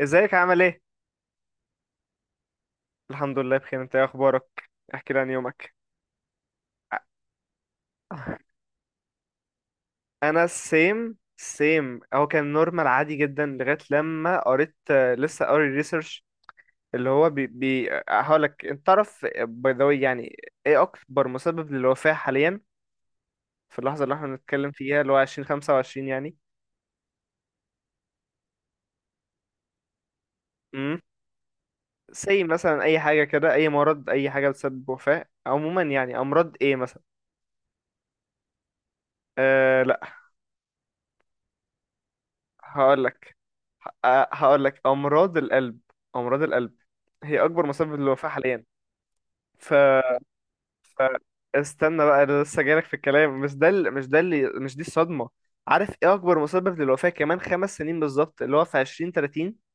ازيك عامل ايه؟ الحمد لله بخير. انت ايه اخبارك؟ احكي لي عن يومك. أ- انا السيم سيم هو كان نورمال عادي جدا لغايه لما قريت، لسه قاري ريسيرش اللي هو بي هقولك. انت تعرف باي ذا واي يعني ايه اكبر مسبب للوفاه حاليا في اللحظه اللي احنا بنتكلم فيها اللي هو 2025 يعني. امم سي مثلا اي حاجه كده، اي مرض، اي حاجه بتسبب وفاه عموما، يعني امراض ايه مثلا؟ أه لا، هقولك، أ- هقول لك امراض القلب. امراض القلب هي اكبر مسبب للوفاة حاليا. ف... ف استنى بقى، انا لسه جايلك في الكلام. مش ده ال- مش ده اللي مش دي الصدمة. عارف ايه اكبر مسبب للوفاة كمان خمس سنين بالظبط؟ اللي هو في عشرين تلاتين.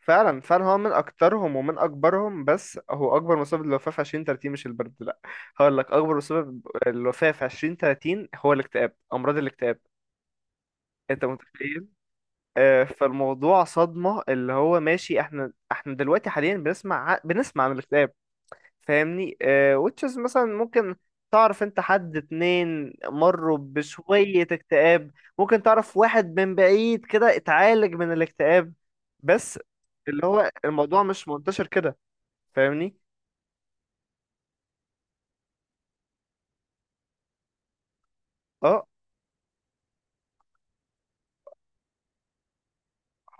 فعلا فعلا، هو من اكترهم ومن اكبرهم، بس هو اكبر مسبب للوفاة في عشرين تلاتين مش البرد، لا. هقول لك اكبر مسبب للوفاة في عشرين تلاتين هو الاكتئاب، امراض الاكتئاب. انت متخيل؟ فالموضوع صدمة. اللي هو ماشي، احنا دلوقتي حاليا بنسمع بنسمع عن الاكتئاب، فاهمني؟ Which is مثلا ممكن تعرف انت حد اتنين مروا بشوية اكتئاب، ممكن تعرف واحد من بعيد كده اتعالج من الاكتئاب بس، اللي هو الموضوع مش منتشر كده، فاهمني؟ اه.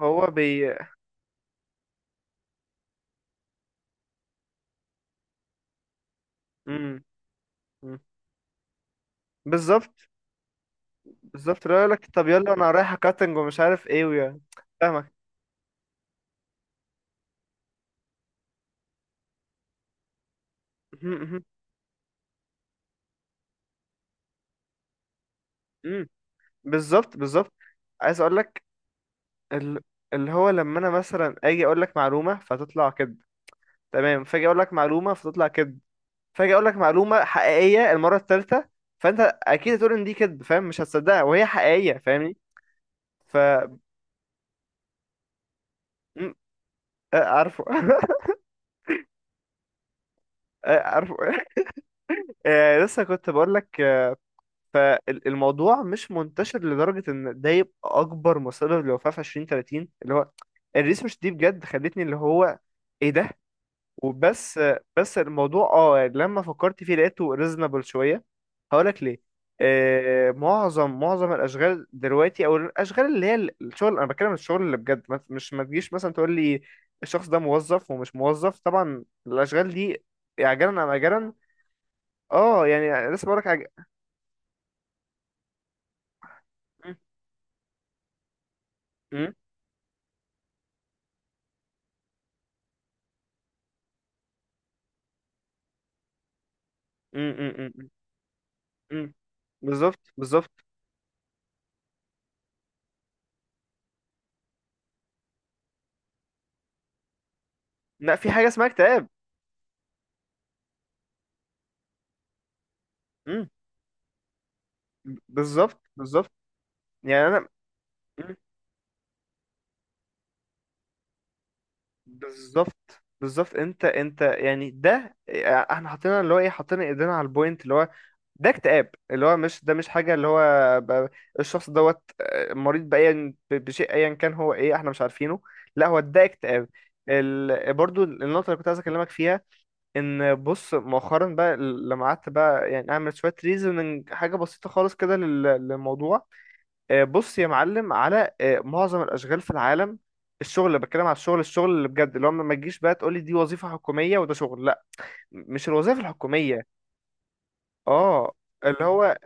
هو بي. مم. مم. بالظبط بالظبط، لا يقولك طب يلا انا رايح كاتنج ومش عارف ايه ويا. فاهمك. مهم، مهم، مم. بالظبط بالظبط. عايز اقول لك ال- اللي هو لما انا مثلا اجي اقول لك معلومه فتطلع كذب، تمام؟ فاجي اقول لك معلومه فتطلع كذب، فاجي اقول لك معلومه حقيقيه المره الثالثه، فانت اكيد هتقول ان دي كذب فاهم، مش هتصدقها وهي حقيقيه، فاهمني؟ ف م- عارفه عارفه لسه كنت بقول لك، فالموضوع مش منتشر لدرجه ان ده يبقى اكبر مسبب للوفاه في 2030 اللي هو الريس. مش دي بجد خلتني اللي هو ايه ده؟ وبس. بس الموضوع اه يعني لما فكرت فيه لقيته ريزونبل شويه، هقولك ليه. معظم الاشغال دلوقتي او الاشغال اللي هي الشغل، انا بتكلم الشغل اللي بجد، مش ما تجيش مثلا تقول لي الشخص ده موظف ومش موظف، طبعا الاشغال دي عاجلا ام اجلا. اه يعني لسه بقولك م- م- م- م- م- م- بالظبط بالظبط. لا، في حاجه اسمها اكتئاب. م- بالظبط بالظبط. يعني انا بالظبط بالظبط، انت يعني ده احنا حطينا اللي هو ايه، حطينا ايدينا على البوينت اللي هو ده اكتئاب، اللي هو مش ده مش حاجة اللي هو ب- الشخص دوت مريض بشيء ايا كان، هو ايه احنا مش عارفينه؟ لا، هو ده اكتئاب. برضو النقطة اللي كنت عايز اكلمك فيها ان بص مؤخرا بقى، لما قعدت بقى يعني اعمل شوية ريزوننج حاجة بسيطة خالص كده للموضوع. بص يا معلم، على معظم الاشغال في العالم، الشغل اللي بتكلم على الشغل، الشغل اللي بجد اللي هو ما تجيش بقى تقولي دي وظيفة حكومية وده شغل، لا، مش الوظائف الحكومية. اه اللي هو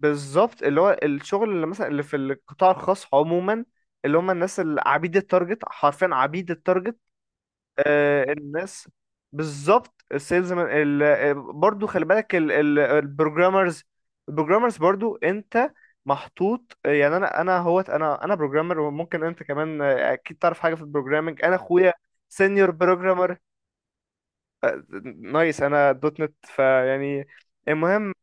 بالظبط اللي هو الشغل اللي مثلا اللي في القطاع الخاص عموما، اللي هم الناس اللي عبيد التارجت، حرفيا عبيد التارجت. الناس بالظبط، السيلز، برضو خلي بالك البروجرامرز. البروجرامرز برضو انت محطوط، يعني انا هوت، انا بروجرامر، وممكن انت كمان، اكيد تعرف حاجه في البروجرامنج. انا اخويا سينيور بروجرامر، نايس. انا دوت نت، فيعني المهم.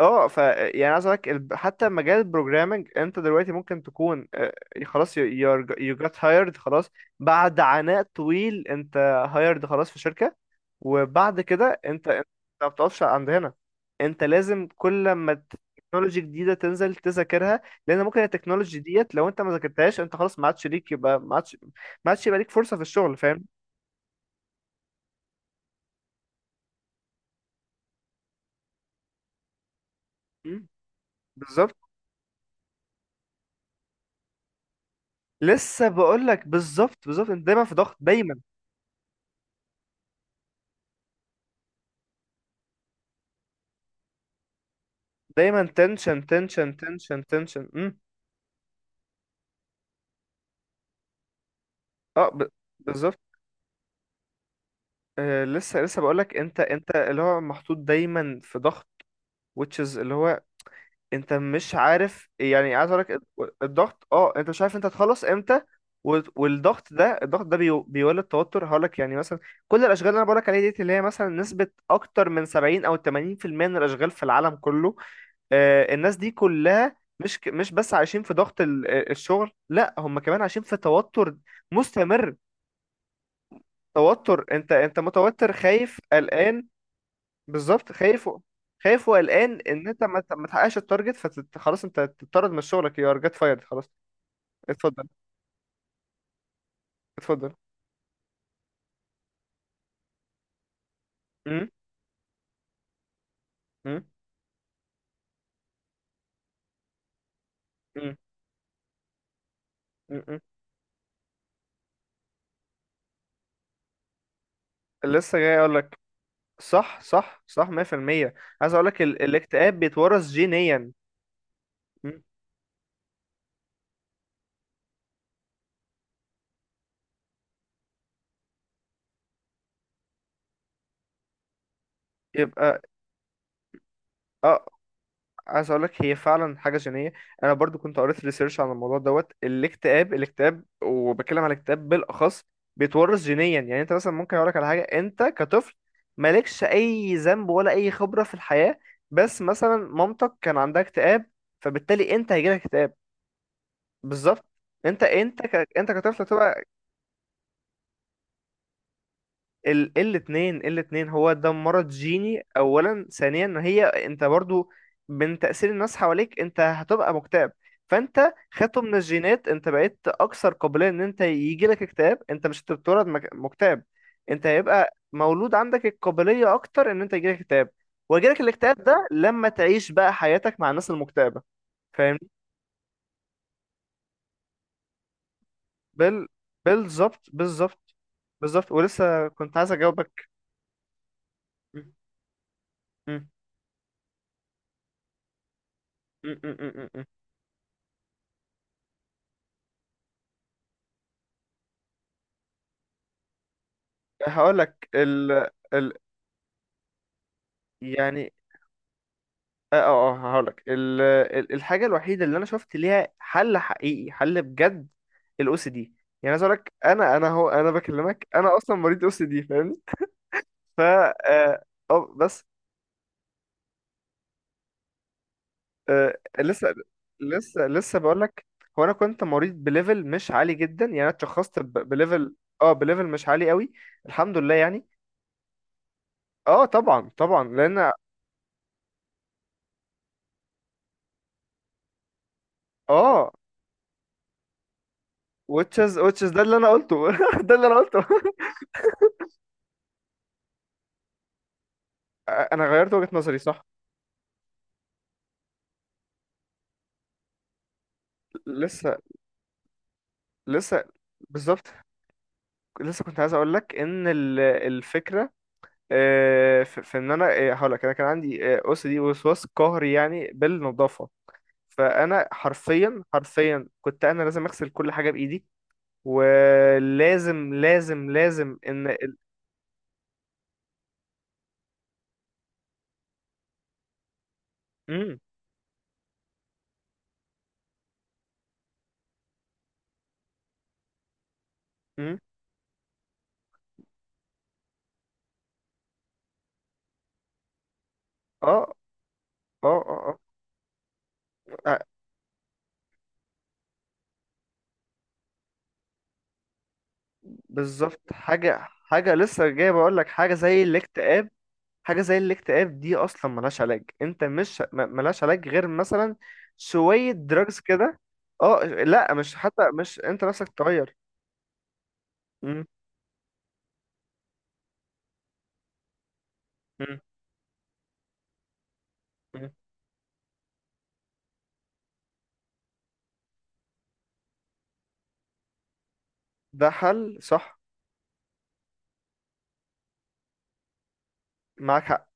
اه ف يعني عايز اقولك حتى مجال البروجرامنج انت دلوقتي ممكن تكون، خلاص يو جت هايرد خلاص بعد عناء طويل، انت هايرد خلاص في شركة. وبعد كده انت ما بتقفش عند هنا، انت لازم كل ما تكنولوجي جديدة تنزل تذاكرها، لان ممكن التكنولوجي ديت لو انت ما ذاكرتهاش انت خلاص ما عادش ليك، يبقى ما عادش، ما عادش يبقى ليك فرصة في الشغل، فاهم؟ مم. بالظبط. لسه بقول لك بالظبط بالظبط، انت دايما في ضغط، دايما. دايما تنشن تنشن تنشن تنشن. اه بالظبط. آه لسه لسه بقول لك انت اللي هو محطوط دايما في ضغط، which is اللي هو انت مش عارف يعني، عايز اقول لك الضغط. اه انت مش عارف انت هتخلص امتى، والضغط ده، الضغط ده بيولد توتر. هقول لك يعني مثلا كل الاشغال اللي انا بقول لك عليها ديت، اللي هي مثلا نسبة اكتر من 70 او 80% من الاشغال في العالم كله، الناس دي كلها مش مش بس عايشين في ضغط الشغل، لا هم كمان عايشين في توتر مستمر. توتر، انت متوتر، خايف، قلقان. بالظبط، خايف و- خايف وقلقان ان انت ما تحققش التارجت، فخلاص انت تطرد من شغلك، يو ار جيت فايرد خلاص. اتفضل اتفضل. م- م- م- م- م. لسه جاي اقول لك. صح صح صح، 100%. عايز اقول لك الاكتئاب بيتورث جينيا. م. يبقى اه عايز اقول لك هي فعلا حاجه جينيه. انا برضو كنت قريت ريسيرش عن الموضوع دوت، الاكتئاب، الاكتئاب، وبتكلم على الاكتئاب بالاخص بيتورث جينيا. يعني انت مثلا ممكن اقول لك على حاجه انت كطفل مالكش اي ذنب ولا اي خبره في الحياه، بس مثلا مامتك كان عندها اكتئاب، فبالتالي انت هيجيلك اكتئاب. بالظبط. انت انت كطفل هتبقى الاتنين. الاتنين هو ده مرض جيني. اولا، ثانيا ان هي انت برضو من تأثير الناس حواليك انت هتبقى مكتئب. فانت خدته من الجينات، انت بقيت اكثر قابلية ان انت يجيلك اكتئاب، انت مش بتتولد مكتئب، انت هيبقى مولود عندك القابلية اكتر ان انت يجيلك اكتئاب، ويجيلك الاكتئاب ده لما تعيش بقى حياتك مع الناس المكتئبة، فاهمني؟ بال بالظبط بالظبط. بالظبط ولسه كنت عايز اجاوبك. م- م- م- م- م- م- هقول لك ال ال يعني اه اه اه، هقول لك الحاجه الوحيده اللي انا شفت ليها حل حقيقي، حل بجد، الاو سي دي. يعني عايز اقول لك انا بكلمك، انا اصلا مريض او سي دي، فاهمني؟ ف اه، بس، آه لسه لسه لسه بقول لك، هو انا كنت مريض بليفل مش عالي جدا يعني، انا اتشخصت بليفل اه بليفل مش عالي قوي، الحمد لله يعني. اه طبعا طبعا لان اه which is ده اللي انا قلته ده اللي انا قلته. انا غيرت وجهة نظري، صح. لسه، لسه، بالظبط. لسه كنت عايز اقول لك ان الفكره في في ان انا، هقول لك انا كان عندي او سي دي، وسواس قهري يعني، بالنظافه. فانا حرفيا حرفيا كنت انا لازم اغسل كل حاجه بايدي، ولازم لازم لازم ان مم، مم، اه اه اه. آه، آه، بالظبط حاجه، حاجه لسه جاي بقول لك، حاجه زي الاكتئاب. حاجة زي الاكتئاب دي أصلا ملهاش علاج، أنت مش ملهاش علاج غير مثلا شوية دراجز كده. اه لا، مش حتى مش أنت نفسك تغير. مم، مم، مم. ده حل صح. معاك حق.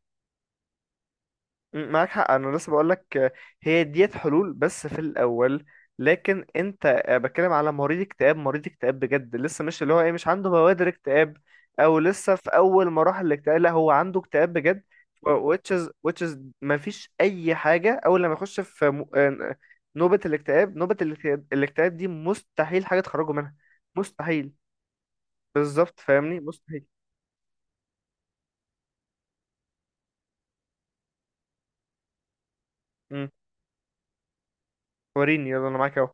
معاك حق انا لسه بقولك هي ديت حلول بس في الاول، لكن انت بتكلم على مريض اكتئاب. مريض اكتئاب بجد لسه، مش اللي هو ايه، مش عنده بوادر اكتئاب او لسه في اول مراحل الاكتئاب. لا، هو عنده اكتئاب بجد. و- which is مفيش اي حاجه اول لما يخش في نوبه الاكتئاب، نوبه الاكتئاب. الاكتئاب دي مستحيل حاجه تخرجه منها، مستحيل. بالظبط، فاهمني، مستحيل. م. وريني يلا انا معاك اهو.